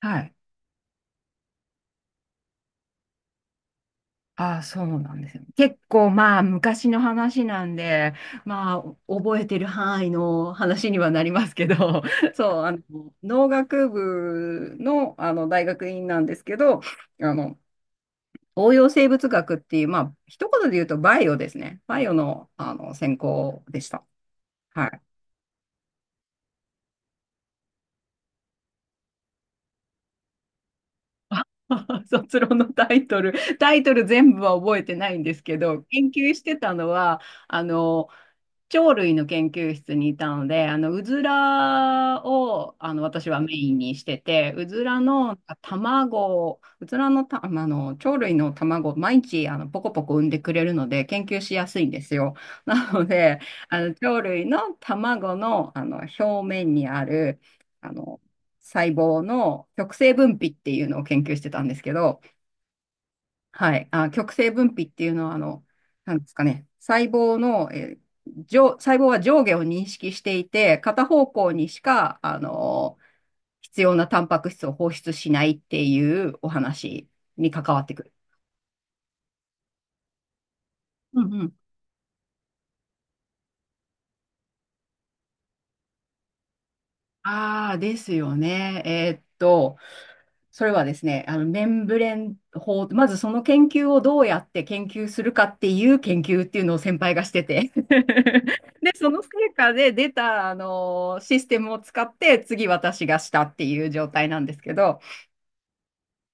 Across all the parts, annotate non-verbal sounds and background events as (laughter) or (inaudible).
はい。ああ、そうなんですよ。結構まあ昔の話なんで、まあ覚えてる範囲の話にはなりますけど、(laughs) そう、農学部の、大学院なんですけど、あの、応用生物学っていう、まあ一言で言うとバイオですね。バイオの、専攻でした。はい。あ、 (laughs) 卒論のタイトル、タイトル全部は覚えてないんですけど、研究してたのは、あの、鳥類の研究室にいたので、うずらを、私はメインにしてて、うずらの卵、うずらのた、あの、鳥類の卵、毎日、ポコポコ産んでくれるので、研究しやすいんですよ。なので、鳥類の卵の、表面にある、あの、細胞の極性分泌っていうのを研究してたんですけど、はい。あ、極性分泌っていうのは、なんですかね、細胞の、上、細胞は上下を認識していて、片方向にしか、必要なタンパク質を放出しないっていうお話に関わってくる。うんうん。ああ、ですよね。それはですね、メンブレン法、まずその研究をどうやって研究するかっていう研究っていうのを先輩がしてて、 (laughs) で、その成果で出た、システムを使って次私がしたっていう状態なんですけど、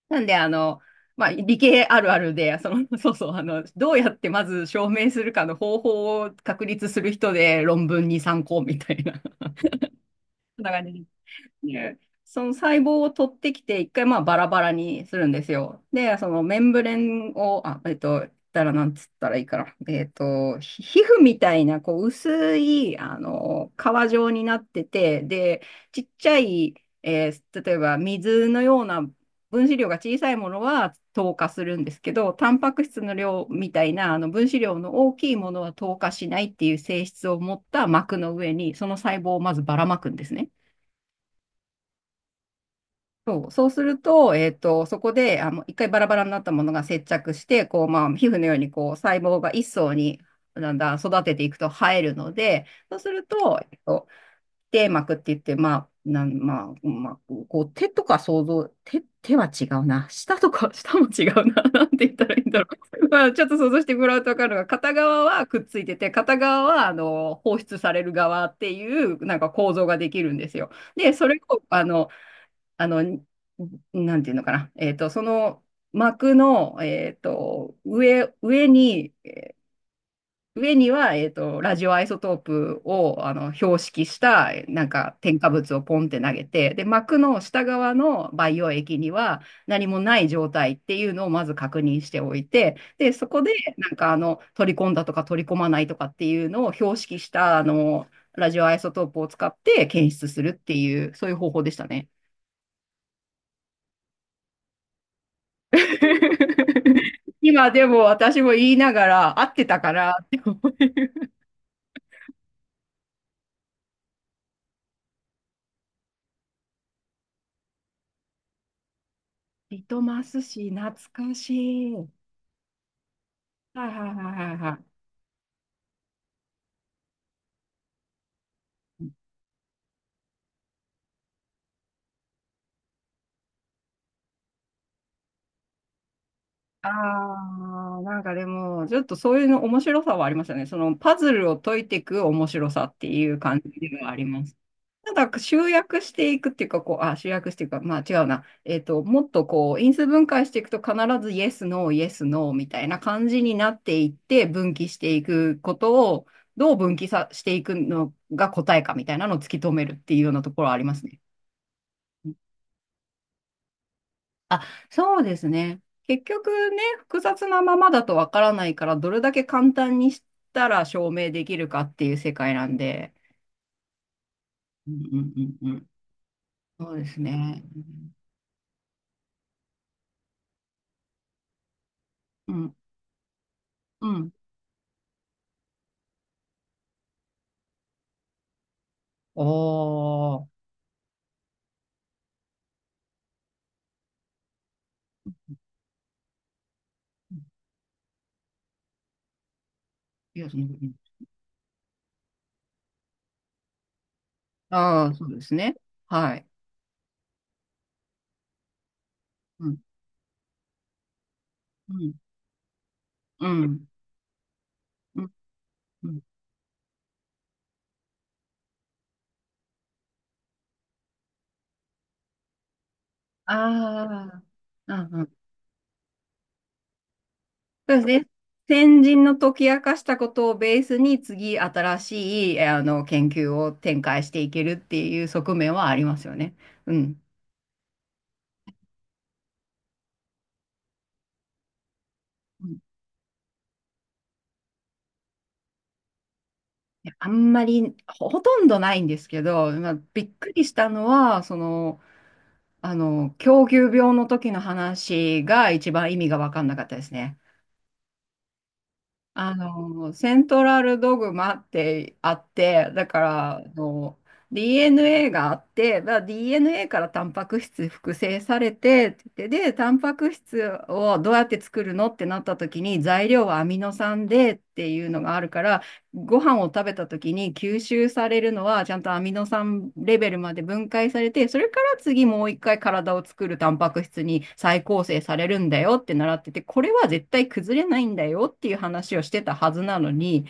なんで、まあ、理系あるあるで、(laughs) そうそう、どうやってまず証明するかの方法を確立する人で論文に参考みたいな、(laughs) そんな感じで。で、その細胞を取ってきて、一回まあバラバラにするんですよ。で、そのメンブレンを、あ、言ったらなんつったらいいかな。皮膚みたいな、こう、薄い、皮状になってて、で、ちっちゃい、例えば水のような分子量が小さいものは糖化するんですけど、タンパク質の量みたいな分子量の大きいものは糖化しないっていう性質を持った膜の上に、その細胞をまずばらまくんですね。そうすると、そこで、一回バラバラになったものが接着して、こう、まあ、皮膚のように、こう、細胞が一層にだんだん育てていくと生えるので、そうすると、手膜って言って、まあ、なん、まあ、まあ、こう、手とか想像、手は違うな。舌とか、(laughs) 舌も違うな。(laughs) なんて言ったらいいんだろう。(laughs) まあ、ちょっと想像してもらうとわかるのが、片側はくっついてて、片側は、放出される側っていう、なんか構造ができるんですよ。で、それを、あの、なんていうのかな。その膜の、上には、ラジオアイソトープを、標識した、なんか、添加物をポンって投げて、で、膜の下側の培養液には何もない状態っていうのをまず確認しておいて、で、そこで、なんか、取り込んだとか取り込まないとかっていうのを標識した、ラジオアイソトープを使って検出するっていう、そういう方法でしたね。(laughs) 今でも私も言いながら、合ってたかなって思う。リトマス紙、懐かしい。はいはいはいはいはい。ああ、なんかでも、ちょっとそういうの面白さはありましたね。そのパズルを解いていく面白さっていう感じではあります。なんか集約していくっていうか、こう、あ、集約していくか、まあ違うな。もっとこう、因数分解していくと必ずイエス、ノー、イエス、ノーみたいな感じになっていって分岐していくことを、どう分岐さしていくのが答えかみたいなのを突き止めるっていうようなところはありますね。あ、そうですね。結局ね、複雑なままだとわからないから、どれだけ簡単にしたら証明できるかっていう世界なんで。うんうんうんうん。そうですね。うん。うん。ああ、いや、その、ああー、そうですね。はい。うん、うん、うん、うん。うん、ああ、うんうん。そうですね。先人の解き明かしたことをベースに次新しい、研究を展開していけるっていう側面はありますよね。うん。うん。あんまり、ほとんどないんですけど、まあ、びっくりしたのは、狂牛病の時の話が一番意味が分かんなかったですね。セントラルドグマってあって、だから、DNA があって、DNA からタンパク質複製されてって言って、で、タンパク質をどうやって作るのってなった時に、材料はアミノ酸でっていうのがあるから、ご飯を食べた時に吸収されるのは、ちゃんとアミノ酸レベルまで分解されて、それから次もう一回体を作るタンパク質に再構成されるんだよって習ってて、これは絶対崩れないんだよっていう話をしてたはずなのに、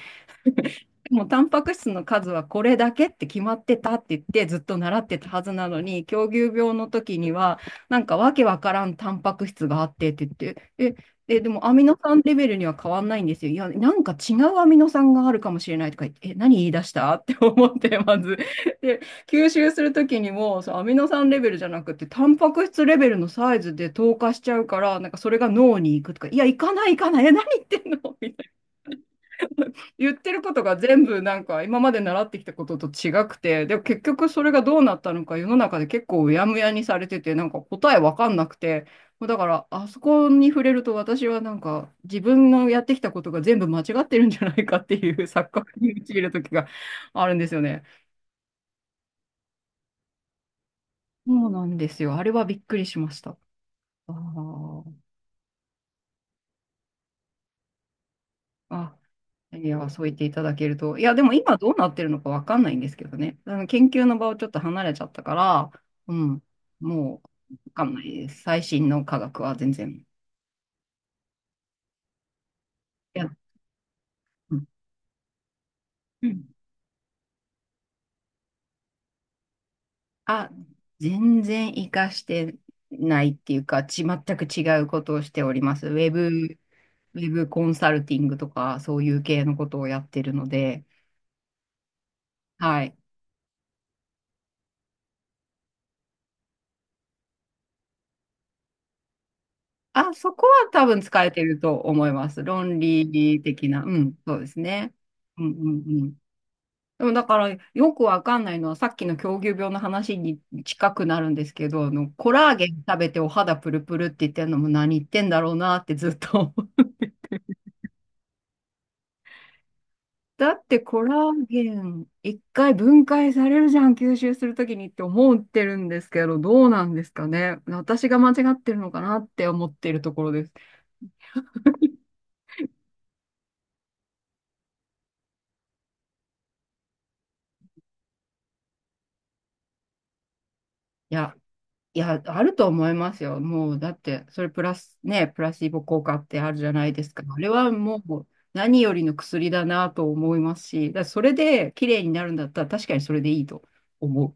でもタンパク質の数はこれだけって決まってたって言ってずっと習ってたはずなのに、狂牛病の時には、なんかわけわからんタンパク質があってって言って、え、え、でもアミノ酸レベルには変わんないんですよ。いや、なんか違うアミノ酸があるかもしれないとか言って、え、何言い出したって思って、まず。で、吸収する時にも、そう、アミノ酸レベルじゃなくて、タンパク質レベルのサイズで透過しちゃうから、なんかそれが脳に行くとか、いや、行かない行かない、え、何言ってんのみたい、言ってることが全部なんか今まで習ってきたことと違くて、でも結局それがどうなったのか世の中で結構うやむやにされてて、なんか答えわかんなくて、もうだからあそこに触れると私はなんか自分のやってきたことが全部間違ってるんじゃないかっていう (laughs) 錯覚に陥る時があるんですよね。そうなんですよ。あれはびっくりしました。あーあいや、そう言っていただけると。いや、でも今どうなってるのかわかんないんですけどね。あの研究の場をちょっと離れちゃったから、うん、もうわかんないです。最新の科学は全然。いや、うん。うんあ、全然活かしてないっていうか、全く違うことをしております。ウェブコンサルティングとか、そういう系のことをやってるので、はい。あ、そこは多分使えてると思います。論理的な。うん、そうですね。うんうん。でもだからよくわかんないのはさっきの狂牛病の話に近くなるんですけど、コラーゲン食べてお肌プルプルって言ってるのも何言ってんだろうなってずっと。 (laughs) だってコラーゲン一回分解されるじゃん、吸収するときにって思ってるんですけど、どうなんですかね。私が間違ってるのかなって思ってるところです。いや、いや、あると思いますよ。もう、だって、それプラス、ね、プラシーボ効果ってあるじゃないですか。あれはもう、何よりの薬だなと思いますし、だからそれで綺麗になるんだったら、確かにそれでいいと思う。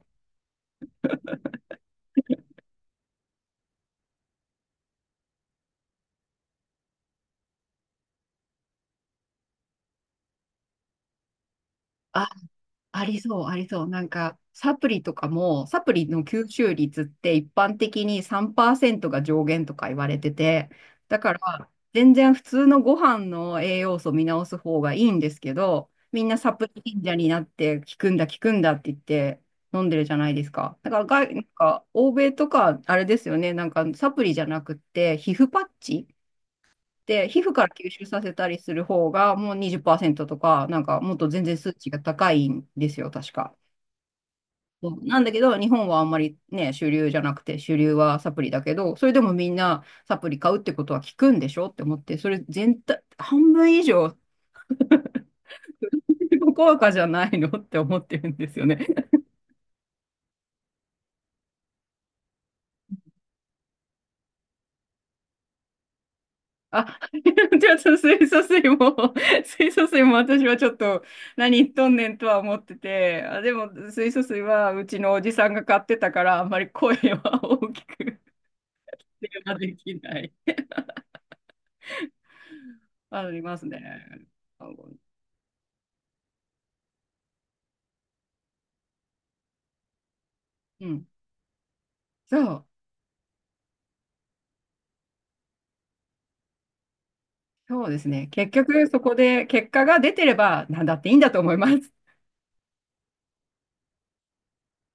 あありそう、ありそう。なんか、サプリとかも、サプリの吸収率って一般的に3%が上限とか言われてて、だから、全然普通のご飯の栄養素見直す方がいいんですけど、みんなサプリ信者になって、効くんだ、効くんだって言って飲んでるじゃないですか。だから外、なんか、欧米とか、あれですよね、なんか、サプリじゃなくって、皮膚パッチで、皮膚から吸収させたりする方が、もう20%とか、なんか、もっと全然数値が高いんですよ、確か。そうなんだけど、日本はあんまりね、主流じゃなくて、主流はサプリだけど、それでもみんなサプリ買うってことは効くんでしょって思って、それ全体、半分以上、(laughs) 効果じゃないのって思ってるんですよね。あ、(laughs) じゃあ、その水素水も、水素水も私はちょっと何言っとんねんとは思ってて、あ、でも水素水はうちのおじさんが買ってたから、あんまり声は大きくではできない。ありますね。うん。そう。そうですね。結局、そこで結果が出てれば何だっていいんだと思います。